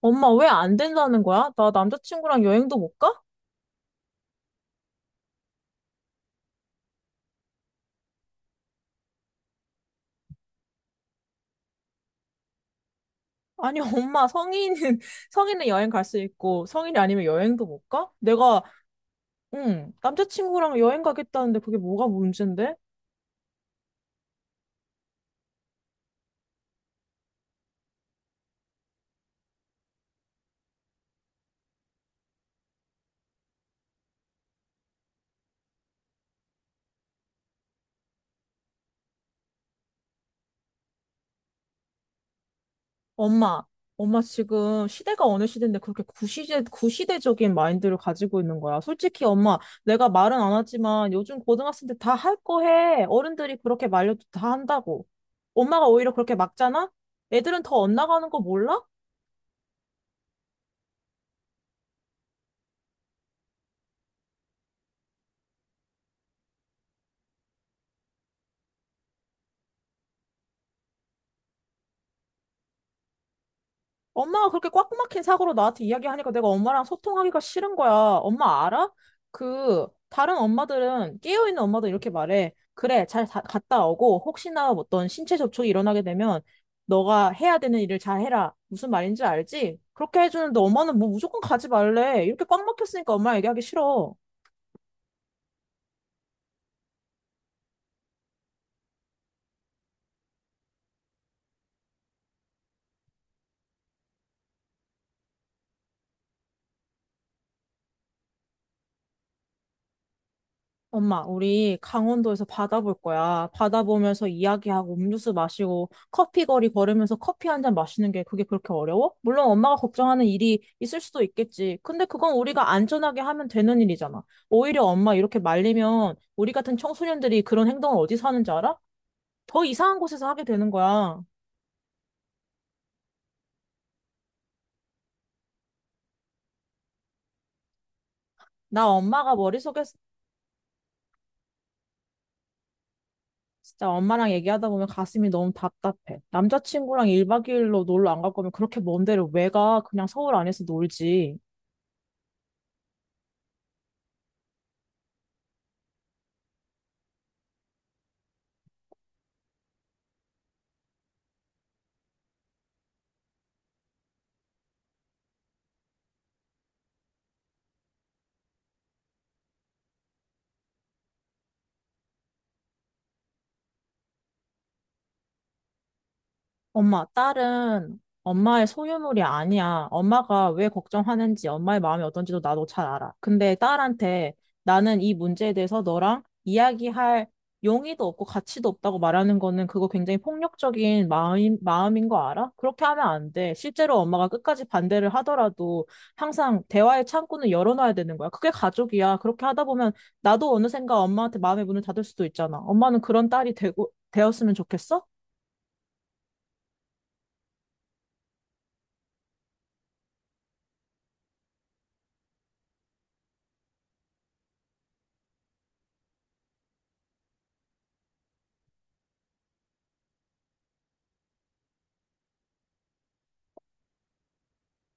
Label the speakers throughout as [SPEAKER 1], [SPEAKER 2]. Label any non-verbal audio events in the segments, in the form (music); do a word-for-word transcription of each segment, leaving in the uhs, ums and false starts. [SPEAKER 1] 엄마 왜 안 된다는 거야? 나 남자친구랑 여행도 못 가? 아니, 엄마 성인은, (laughs) 성인은 여행 갈 수 있고, 성인이 아니면 여행도 못 가? 내가, 응, 남자친구랑 여행 가겠다는데 그게 뭐가 문제인데? 엄마, 엄마 지금 시대가 어느 시대인데 그렇게 구시대, 구시대적인 마인드를 가지고 있는 거야. 솔직히 엄마, 내가 말은 안 하지만 요즘 고등학생들 다 할 거 해. 어른들이 그렇게 말려도 다 한다고. 엄마가 오히려 그렇게 막잖아? 애들은 더 엇나가는 거 몰라? 엄마가 그렇게 꽉 막힌 사고로 나한테 이야기하니까 내가 엄마랑 소통하기가 싫은 거야. 엄마 알아? 그, 다른 엄마들은, 깨어있는 엄마들 이렇게 말해. 그래, 잘 다- 갔다 오고, 혹시나 어떤 신체 접촉이 일어나게 되면, 너가 해야 되는 일을 잘 해라. 무슨 말인지 알지? 그렇게 해주는데 엄마는 뭐 무조건 가지 말래. 이렇게 꽉 막혔으니까 엄마 얘기하기 싫어. 엄마, 우리 강원도에서 바다 볼 거야. 바다 보면서 이야기하고 음료수 마시고 커피 거리 걸으면서 커피 한 잔 마시는 게 그게 그렇게 어려워? 물론 엄마가 걱정하는 일이 있을 수도 있겠지. 근데 그건 우리가 안전하게 하면 되는 일이잖아. 오히려 엄마 이렇게 말리면 우리 같은 청소년들이 그런 행동을 어디서 하는지 알아? 더 이상한 곳에서 하게 되는 거야. 나 엄마가 머릿속에 진짜 엄마랑 얘기하다 보면 가슴이 너무 답답해. 남자친구랑 일 박 이 일로 놀러 안 갈 거면 그렇게 먼 데를 왜 가? 그냥 서울 안에서 놀지. 엄마, 딸은 엄마의 소유물이 아니야. 엄마가 왜 걱정하는지, 엄마의 마음이 어떤지도 나도 잘 알아. 근데 딸한테 나는 이 문제에 대해서 너랑 이야기할 용의도 없고 가치도 없다고 말하는 거는 그거 굉장히 폭력적인 마음, 마음인 거 알아? 그렇게 하면 안 돼. 실제로 엄마가 끝까지 반대를 하더라도 항상 대화의 창구는 열어놔야 되는 거야. 그게 가족이야. 그렇게 하다 보면 나도 어느샌가 엄마한테 마음의 문을 닫을 수도 있잖아. 엄마는 그런 딸이 되고, 되었으면 좋겠어?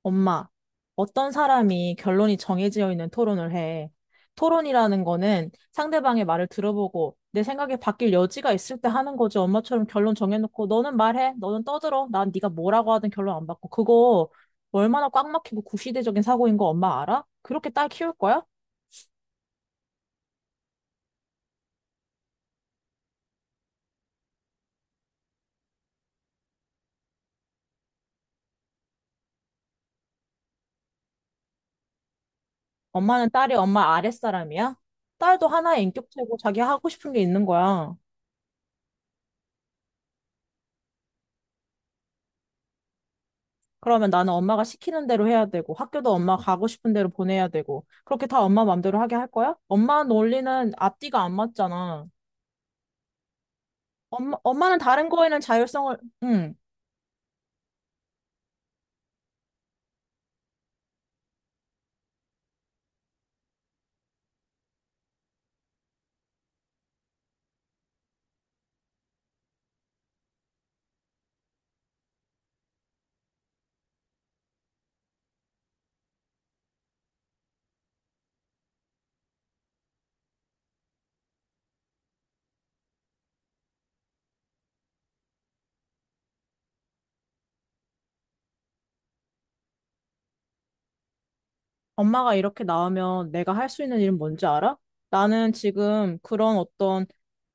[SPEAKER 1] 엄마, 어떤 사람이 결론이 정해져 있는 토론을 해. 토론이라는 거는 상대방의 말을 들어보고 내 생각이 바뀔 여지가 있을 때 하는 거지. 엄마처럼 결론 정해놓고 너는 말해, 너는 떠들어. 난 네가 뭐라고 하든 결론 안 받고. 그거 얼마나 꽉 막히고 구시대적인 사고인 거 엄마 알아? 그렇게 딸 키울 거야? 엄마는 딸이 엄마 아랫사람이야? 딸도 하나의 인격체고 자기 하고 싶은 게 있는 거야. 그러면 나는 엄마가 시키는 대로 해야 되고, 학교도 엄마 가고 싶은 대로 보내야 되고, 그렇게 다 엄마 맘대로 하게 할 거야? 엄마 논리는 앞뒤가 안 맞잖아. 엄마, 엄마는 다른 거에는 자율성을, 응. 엄마가 이렇게 나오면 내가 할 수 있는 일은 뭔지 알아? 나는 지금 그런 어떤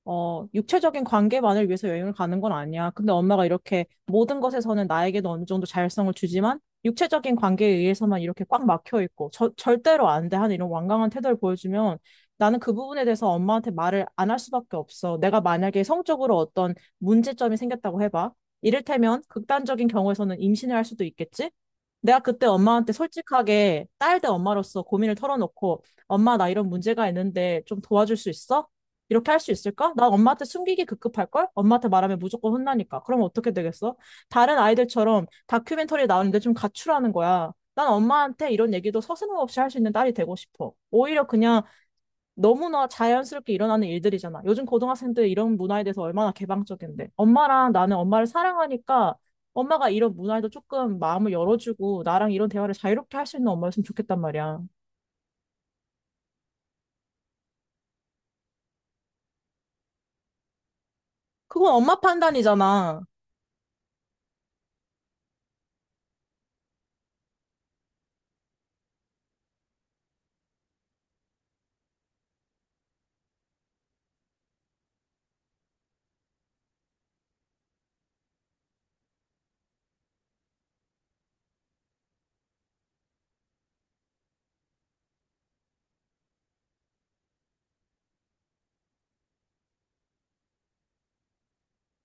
[SPEAKER 1] 어, 육체적인 관계만을 위해서 여행을 가는 건 아니야. 근데 엄마가 이렇게 모든 것에서는 나에게도 어느 정도 자율성을 주지만 육체적인 관계에 의해서만 이렇게 꽉 막혀 있고 저, 절대로 안 돼 하는 이런 완강한 태도를 보여주면 나는 그 부분에 대해서 엄마한테 말을 안 할 수밖에 없어. 내가 만약에 성적으로 어떤 문제점이 생겼다고 해봐. 이를테면 극단적인 경우에서는 임신을 할 수도 있겠지? 내가 그때 엄마한테 솔직하게 딸 대 엄마로서 고민을 털어놓고 엄마 나 이런 문제가 있는데 좀 도와줄 수 있어? 이렇게 할 수 있을까? 난 엄마한테 숨기기 급급할걸? 엄마한테 말하면 무조건 혼나니까. 그럼 어떻게 되겠어? 다른 아이들처럼 다큐멘터리 나오는데 좀 가출하는 거야. 난 엄마한테 이런 얘기도 서슴없이 할 수 있는 딸이 되고 싶어. 오히려 그냥 너무나 자연스럽게 일어나는 일들이잖아. 요즘 고등학생들 이런 문화에 대해서 얼마나 개방적인데. 엄마랑 나는 엄마를 사랑하니까 엄마가 이런 문화에도 조금 마음을 열어주고 나랑 이런 대화를 자유롭게 할 수 있는 엄마였으면 좋겠단 말이야. 그건 엄마 판단이잖아.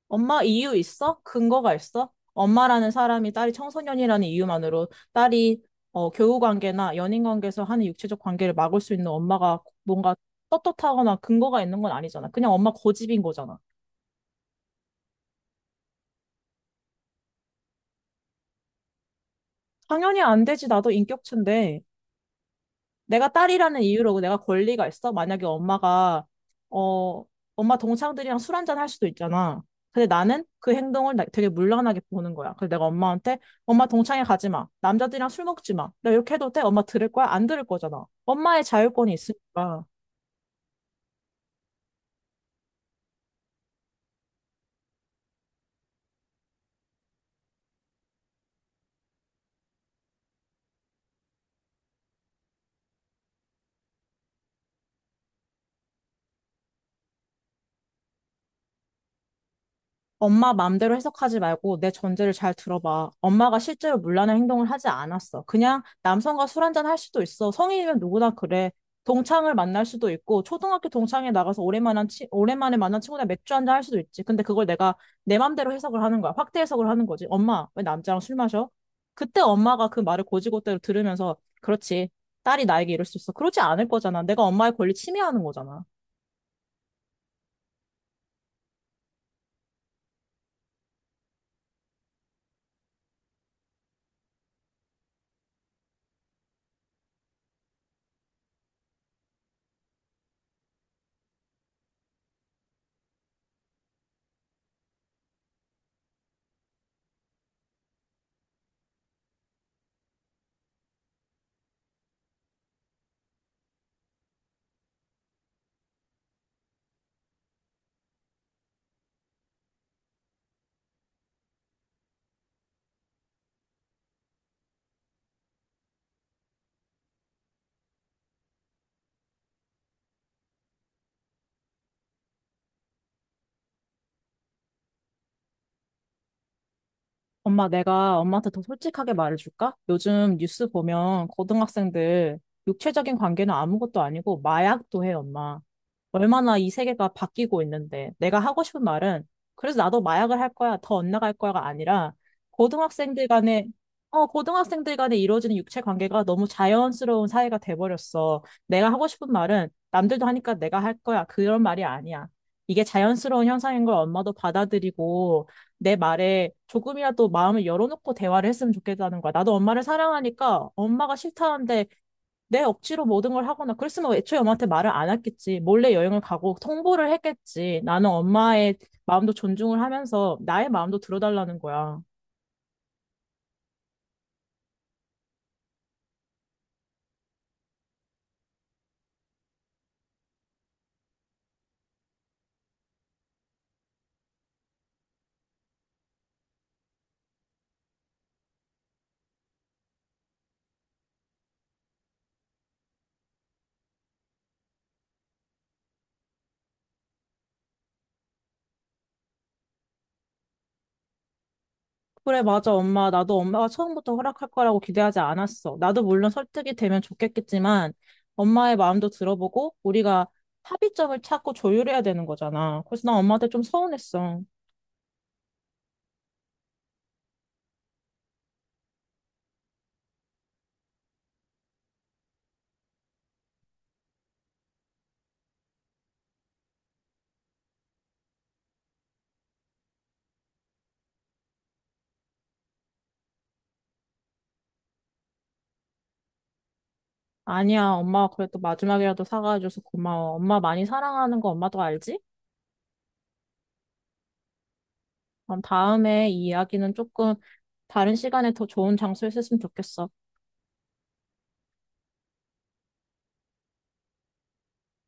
[SPEAKER 1] 엄마 이유 있어? 근거가 있어? 엄마라는 사람이 딸이 청소년이라는 이유만으로 딸이 어, 교우 관계나 연인 관계에서 하는 육체적 관계를 막을 수 있는 엄마가 뭔가 떳떳하거나 근거가 있는 건 아니잖아. 그냥 엄마 고집인 거잖아. 당연히 안 되지. 나도 인격체인데. 내가 딸이라는 이유로 내가 권리가 있어? 만약에 엄마가, 어, 엄마 동창들이랑 술 한잔 할 수도 있잖아. 근데 나는 그 행동을 나- 되게 물란하게 보는 거야. 그래서 내가 엄마한테, 엄마 동창회 가지 마. 남자들이랑 술 먹지 마. 내가 이렇게 해도 돼? 엄마 들을 거야? 안 들을 거잖아. 엄마의 자율권이 있으니까. 엄마 마음대로 해석하지 말고 내 전제를 잘 들어봐. 엄마가 실제로 문란한 행동을 하지 않았어. 그냥 남성과 술 한잔 할 수도 있어. 성인이면 누구나 그래. 동창을 만날 수도 있고, 초등학교 동창회 나가서 오랜만에, 치, 오랜만에 만난 친구랑 맥주 한잔 할 수도 있지. 근데 그걸 내가 내 맘대로 해석을 하는 거야. 확대 해석을 하는 거지. 엄마, 왜 남자랑 술 마셔? 그때 엄마가 그 말을 곧이곧대로 들으면서, 그렇지. 딸이 나에게 이럴 수 있어. 그러지 않을 거잖아. 내가 엄마의 권리 침해하는 거잖아. 엄마, 내가 엄마한테 더 솔직하게 말해줄까? 요즘 뉴스 보면 고등학생들 육체적인 관계는 아무것도 아니고 마약도 해, 엄마. 얼마나 이 세계가 바뀌고 있는데. 내가 하고 싶은 말은, 그래서 나도 마약을 할 거야, 더 엇나갈 거야가 아니라, 고등학생들 간에, 어, 고등학생들 간에 이루어지는 육체 관계가 너무 자연스러운 사회가 돼버렸어. 내가 하고 싶은 말은, 남들도 하니까 내가 할 거야. 그런 말이 아니야. 이게 자연스러운 현상인 걸 엄마도 받아들이고, 내 말에 조금이라도 마음을 열어놓고 대화를 했으면 좋겠다는 거야. 나도 엄마를 사랑하니까 엄마가 싫다는데 내 억지로 모든 걸 하거나 그랬으면 애초에 엄마한테 말을 안 했겠지. 몰래 여행을 가고 통보를 했겠지. 나는 엄마의 마음도 존중을 하면서 나의 마음도 들어달라는 거야. 그래, 맞아, 엄마. 나도 엄마가 처음부터 허락할 거라고 기대하지 않았어. 나도 물론 설득이 되면 좋겠겠지만 엄마의 마음도 들어보고 우리가 합의점을 찾고 조율해야 되는 거잖아. 그래서 난 엄마한테 좀 서운했어. 아니야, 엄마가 그래도 마지막이라도 사과해줘서 고마워. 엄마 많이 사랑하는 거 엄마도 알지? 그럼 다음에 이 이야기는 조금 다른 시간에 더 좋은 장소에 했으면 좋겠어.